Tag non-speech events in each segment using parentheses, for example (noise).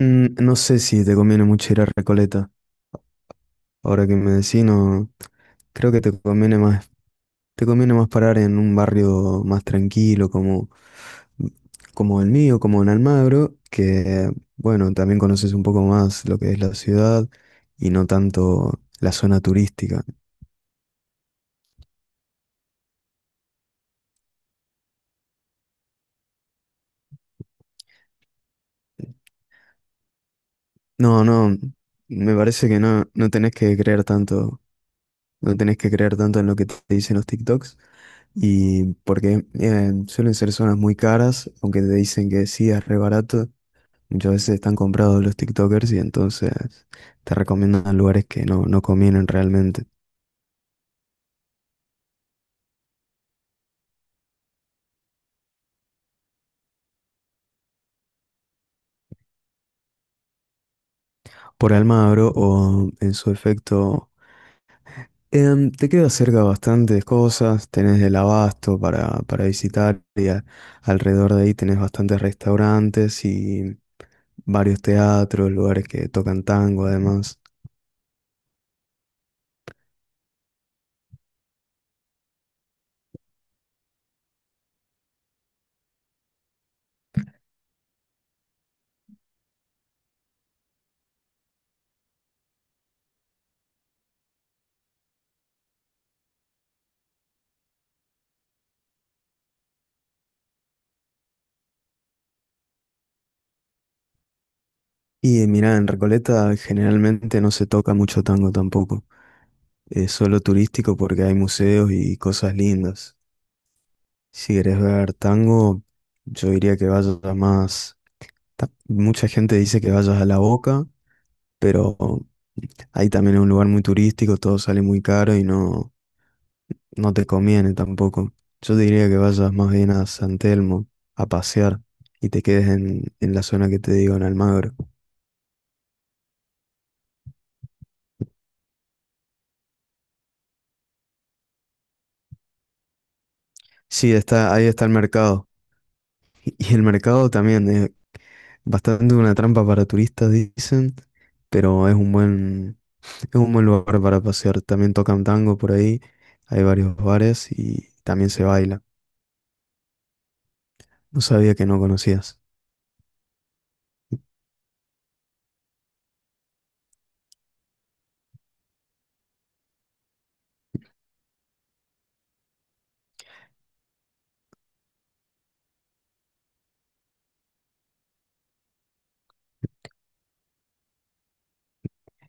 No sé si te conviene mucho ir a Recoleta. Ahora que me decís, no, creo que te conviene más parar en un barrio más tranquilo como, como el mío, como en Almagro, que bueno, también conoces un poco más lo que es la ciudad y no tanto la zona turística. No, no, me parece que no, no tenés que creer tanto. No tenés que creer tanto en lo que te dicen los TikToks. Y porque suelen ser zonas muy caras, aunque te dicen que sí es re barato, muchas veces están comprados los TikTokers y entonces te recomiendan lugares que no, no convienen realmente. Por Almagro o en su efecto, te queda cerca bastantes cosas, tenés el Abasto para visitar y alrededor de ahí tenés bastantes restaurantes y varios teatros, lugares que tocan tango además. Y mira, en Recoleta generalmente no se toca mucho tango tampoco. Es solo turístico porque hay museos y cosas lindas. Si querés ver tango, yo diría que vayas a más. Mucha gente dice que vayas a La Boca, pero ahí también es un lugar muy turístico, todo sale muy caro y no, no te conviene tampoco. Yo diría que vayas más bien a San Telmo a pasear y te quedes en la zona que te digo, en Almagro. Sí, está, ahí está el mercado. Y el mercado también es bastante una trampa para turistas, dicen, pero es un buen lugar para pasear. También tocan tango por ahí, hay varios bares y también se baila. No sabía que no conocías.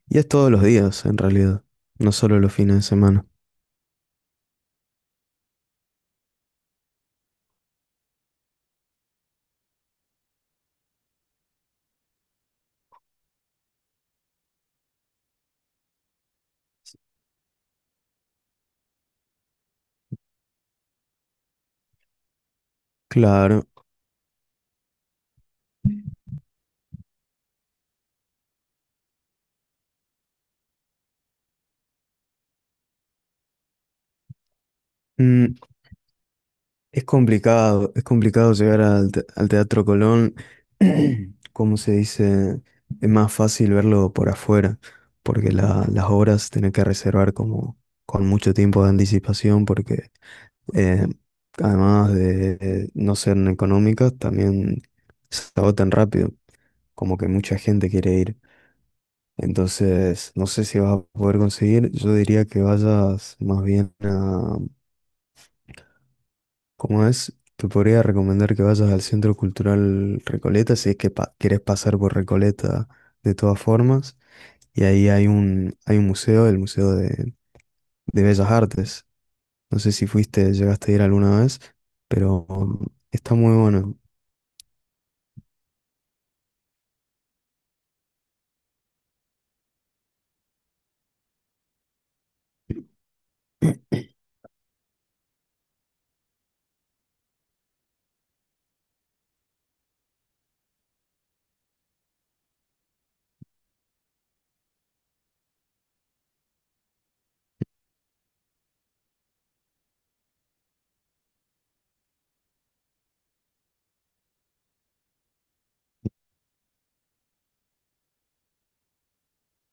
Y es todos los días, en realidad, no solo los fines de semana. Claro. Mm, es complicado llegar al, al Teatro Colón, (clears throat) como se dice, es más fácil verlo por afuera, porque las obras tienen que reservar como con mucho tiempo de anticipación, porque eh, además de no ser económicas, también se agotan rápido, como que mucha gente quiere ir. Entonces, no sé si vas a poder conseguir, yo diría que vayas más bien. Como es, te podría recomendar que vayas al Centro Cultural Recoleta si es que querés pasar por Recoleta de todas formas. Y ahí hay un museo, el Museo de Bellas Artes. No sé si fuiste, llegaste a ir alguna vez, pero está muy bueno.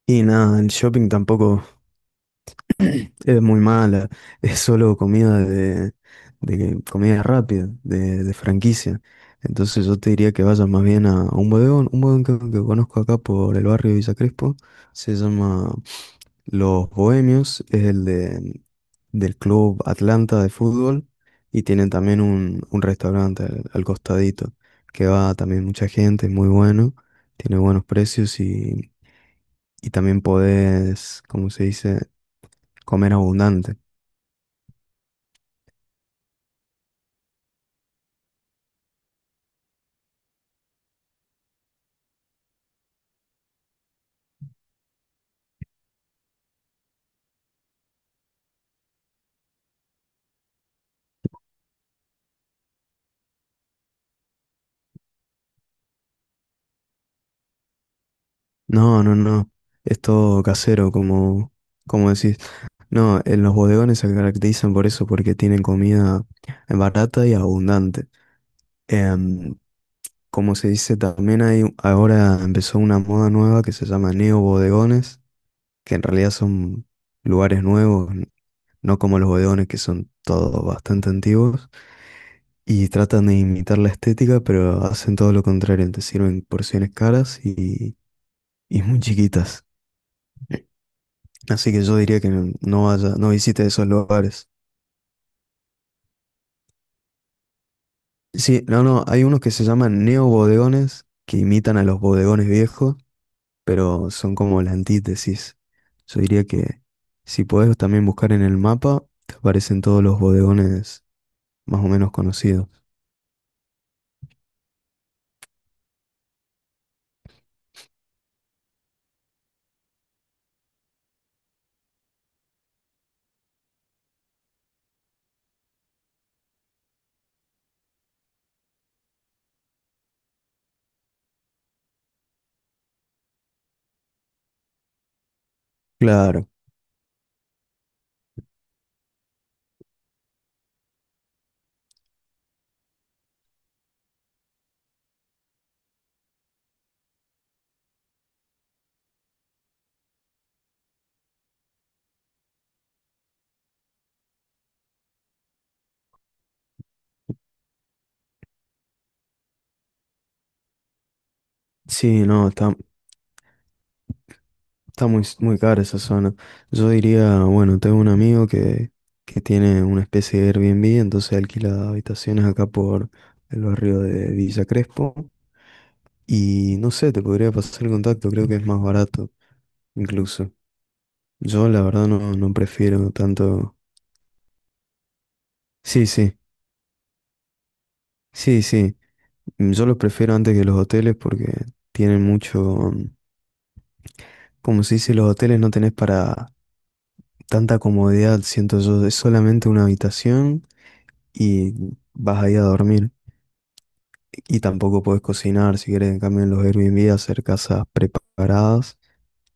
Y nada, el shopping tampoco es muy mala, es solo comida de, comida rápida, de franquicia. Entonces yo te diría que vayas más bien a un bodegón que conozco acá por el barrio de Villa Crespo, se llama Los Bohemios, es el de, del Club Atlanta de fútbol y tienen también un restaurante al, al costadito, que va también mucha gente, es muy bueno. Tiene buenos precios y también podés, como se dice, comer abundante. No, no, no. Es todo casero, como, como decís. No, en los bodegones se caracterizan por eso, porque tienen comida barata y abundante. Em, como se dice, también hay, ahora empezó una moda nueva que se llama neobodegones, que en realidad son lugares nuevos, no como los bodegones que son todos bastante antiguos. Y tratan de imitar la estética, pero hacen todo lo contrario, te sirven porciones caras y muy chiquitas. Así que yo diría que no visite esos lugares. Sí, no, no, hay unos que se llaman neobodegones, que imitan a los bodegones viejos, pero son como la antítesis. Yo diría que si podés también buscar en el mapa, te aparecen todos los bodegones más o menos conocidos. Claro, sí, no, está, está muy, muy cara esa zona. Yo diría, bueno, tengo un amigo que tiene una especie de Airbnb, entonces alquila habitaciones acá por el barrio de Villa Crespo. Y no sé, te podría pasar el contacto, creo que es más barato incluso. Yo la verdad no, no prefiero tanto... Sí, sí, sí, sí. Yo los prefiero antes que los hoteles porque tienen mucho... mm, como se dice, los hoteles no tenés para tanta comodidad, siento yo, es solamente una habitación y vas ahí a dormir. Y tampoco puedes cocinar, si querés, en cambio en los Airbnb hacer casas preparadas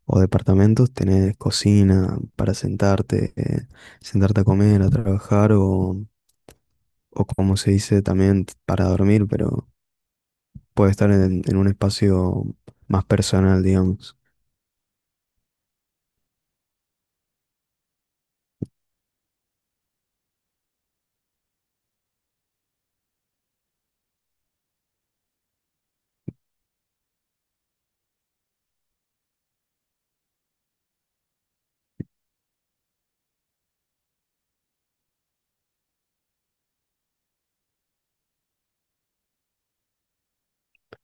o departamentos, tenés cocina para sentarte, sentarte a comer, a trabajar o como se dice también para dormir, pero puede estar en un espacio más personal, digamos.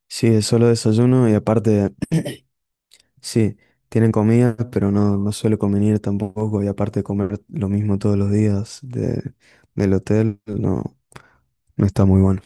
Sí, es solo desayuno y aparte sí, tienen comidas, pero no, no suele convenir tampoco. Y aparte de comer lo mismo todos los días de, del hotel, no, no está muy bueno.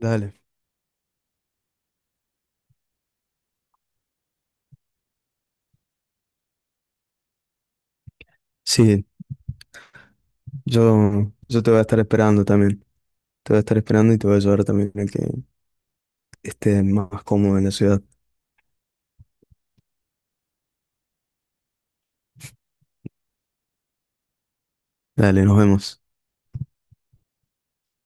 Dale. Sí, yo te voy a estar esperando también. Te voy a estar esperando y te voy a ayudar también a que estés más cómodo en la ciudad. Dale, nos vemos.